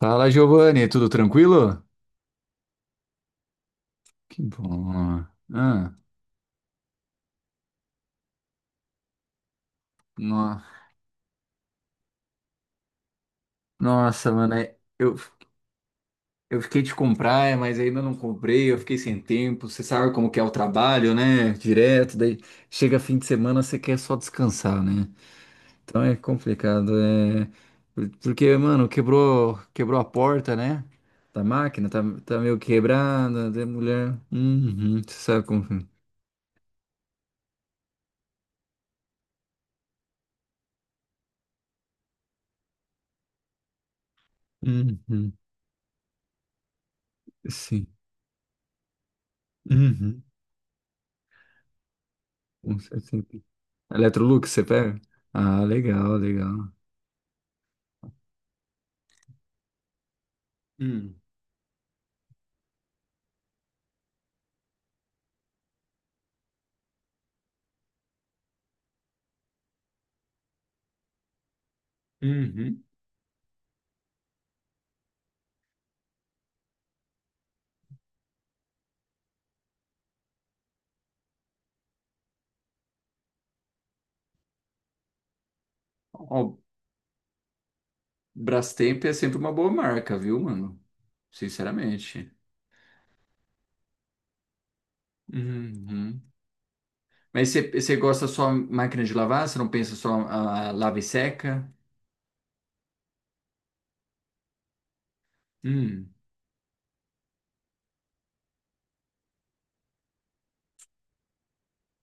Fala, Giovanni, tudo tranquilo? Que bom. Ah, no- nossa, mano, eu fiquei de comprar, mas ainda não comprei, eu fiquei sem tempo. Você sabe como que é o trabalho, né? Direto, daí chega fim de semana, você quer só descansar, né? Então é complicado, porque, mano, quebrou a porta, né? Da máquina, tá meio quebrada, da mulher... Uhum, você sabe como... é. Uhum, sim. Uhum. Um 1,70. Electrolux, você pega? Ah, legal, legal. Hum. Uhum. Ó, Brastemp é sempre uma boa marca, viu, mano? Sinceramente. Uhum. Mas você gosta só máquina de lavar? Você não pensa só a lava e seca? Hum.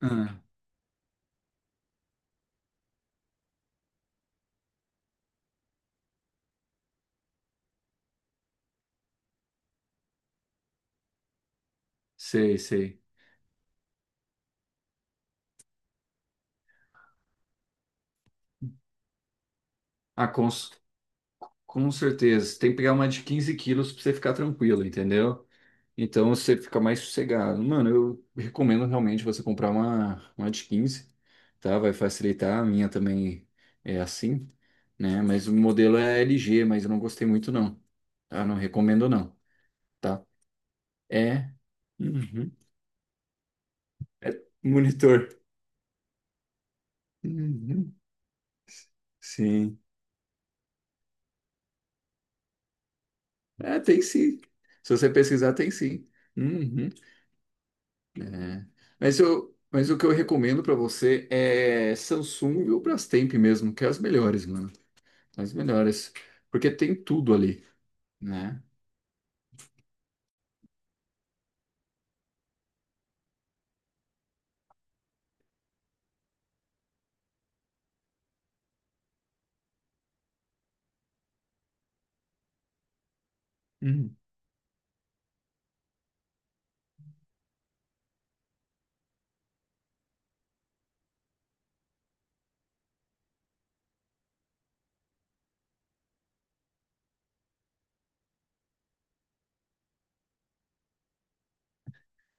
Ah, sei, sei. Ah, com certeza. Tem que pegar uma de 15 quilos pra você ficar tranquilo, entendeu? Então você fica mais sossegado. Mano, eu recomendo realmente você comprar uma de quinze, tá? Vai facilitar. A minha também é assim, né? Mas o modelo é LG, mas eu não gostei muito, não. Tá? Não recomendo, não, tá? É. Uhum. É monitor. Uhum. Sim. É, tem sim. Se você pesquisar, tem sim. Uhum. É. Mas o que eu recomendo pra você é Samsung ou Brastemp mesmo, que é as melhores, mano. As melhores. Porque tem tudo ali, né? Uhum.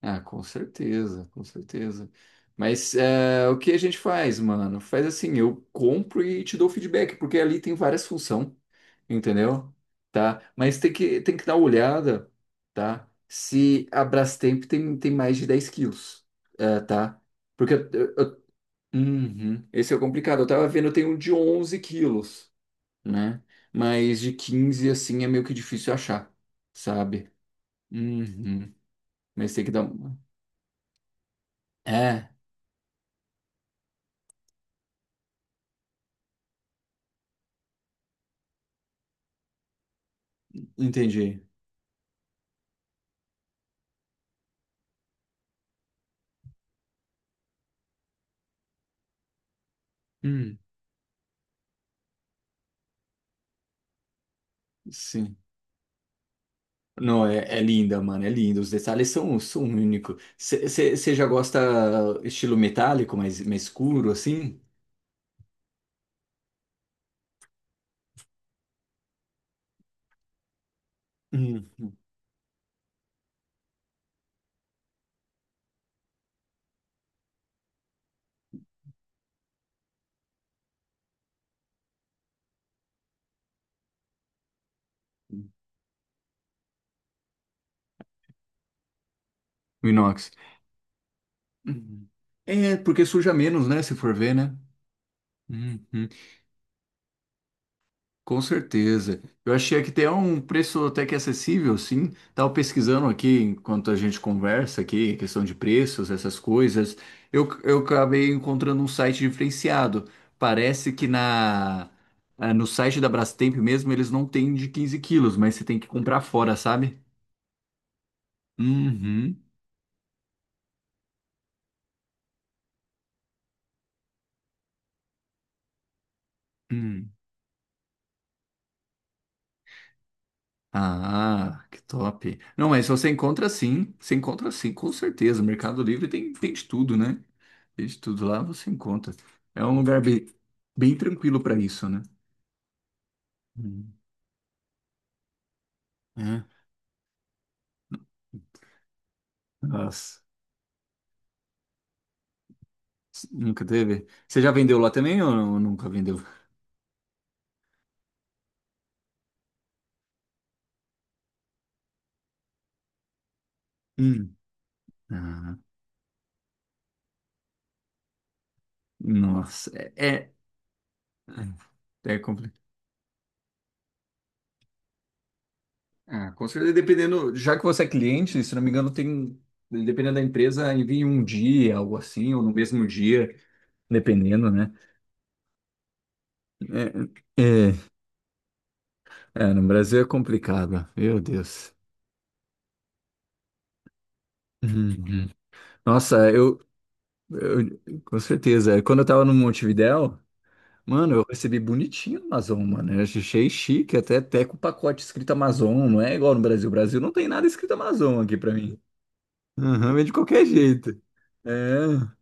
Ah, com certeza, com certeza. Mas o que a gente faz, mano? Faz assim, eu compro e te dou feedback, porque ali tem várias funções, entendeu? Tá? Mas tem que dar uma olhada, tá? Se a Brastemp tem mais de 10 quilos, tá? Porque uhum, esse é o complicado. Eu tava vendo, tem um de 11 quilos, né? Mas de 15 assim, é meio que difícil achar, sabe? Uhum. Mas tem que dar uma. É, entendi. Hum, sim. Não, é linda, mano. É linda. Os detalhes são únicos. Você já gosta estilo metálico, mais escuro, assim? Uhum. O inox. Uhum. É, porque suja menos, né? Se for ver, né? Uhum. Com certeza. Eu achei que tem um preço até que acessível, sim. Estava pesquisando aqui enquanto a gente conversa aqui, questão de preços, essas coisas. Eu acabei encontrando um site diferenciado. Parece que no site da Brastemp mesmo eles não têm de 15 quilos, mas você tem que comprar fora, sabe? Uhum. Hum. Ah, que top. Não, mas você encontra sim, com certeza. O Mercado Livre tem de tudo, né? Tem de tudo lá, você encontra. É um lugar bem tranquilo para isso, né? Hum. É. Nossa, nunca teve? Você já vendeu lá também ou nunca vendeu? Hum. Ah, nossa, é complicado. Ah, com certeza, dependendo, já que você é cliente, se não me engano, tem, dependendo da empresa, envia em um dia, algo assim, ou no mesmo dia, dependendo, né? É, é, é, no Brasil é complicado, meu Deus. Uhum. Nossa, com certeza. Quando eu tava no Montevidéu, mano, eu recebi bonitinho Amazon, mano. Eu achei chique, até com o pacote escrito Amazon, não é igual no Brasil. O Brasil não tem nada escrito Amazon aqui pra mim. Uhum, vem de qualquer jeito. É.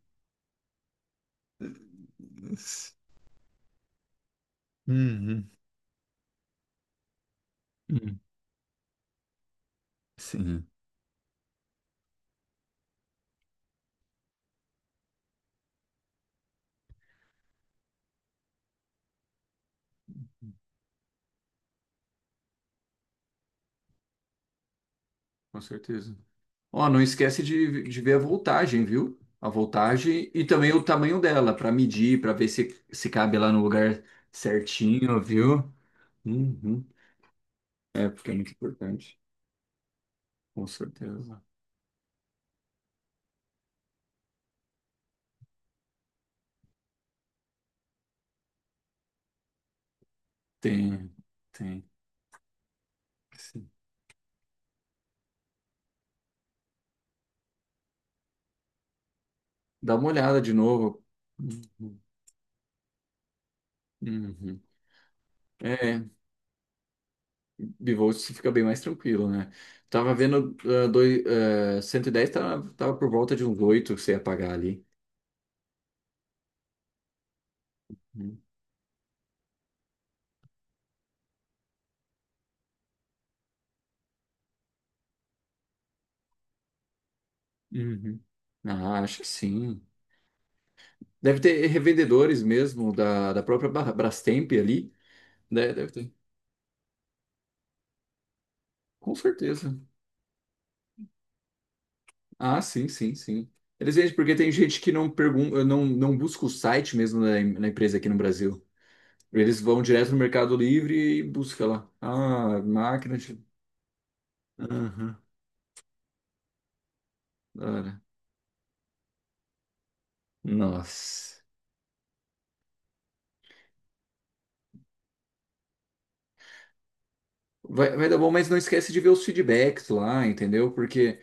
Uhum. Uhum. Sim. Com certeza. Ó, não esquece de ver a voltagem, viu? A voltagem e também o tamanho dela, para medir, para ver se cabe lá no lugar certinho, viu? Uhum. É, porque é muito importante, com certeza. Tem, tem. Sim. Dá uma olhada de novo. Uhum. Uhum. É, bivolt você fica bem mais tranquilo, né? Tava vendo, 110 tava por volta de uns 8 que você ia pagar ali. Uhum. Ah, acho que sim. Deve ter revendedores mesmo da própria Brastemp ali, né? Deve ter. Com certeza. Ah, sim, sim, sim. Eles vendem porque tem gente que não pergunta, não, não busca o site mesmo na empresa aqui no Brasil. Eles vão direto no Mercado Livre e busca lá. Ah, máquina de. Aham. Da hora. Nossa. Vai dar bom, mas não esquece de ver os feedbacks lá, entendeu? Porque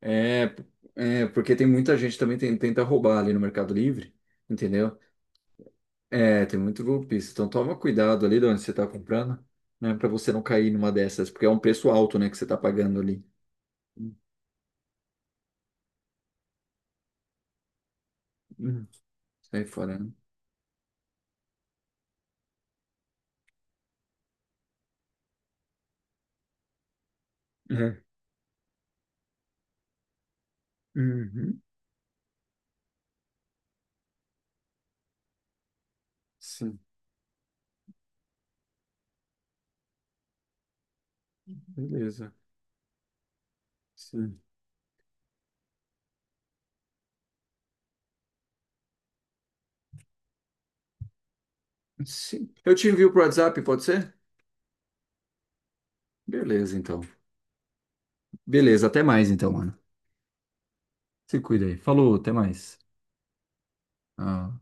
é, porque tem muita gente também tenta roubar ali no Mercado Livre, entendeu? É, tem muito golpista. Então toma cuidado ali de onde você está comprando, né? Para você não cair numa dessas, porque é um preço alto, né, que você está pagando ali. Uhum. Sai fora, né? É. Uhum. Sim, beleza. Sim. Sim. Eu te envio pro WhatsApp, pode ser? Beleza, então. Beleza, até mais então, mano. Se cuida aí. Falou, até mais. Ah.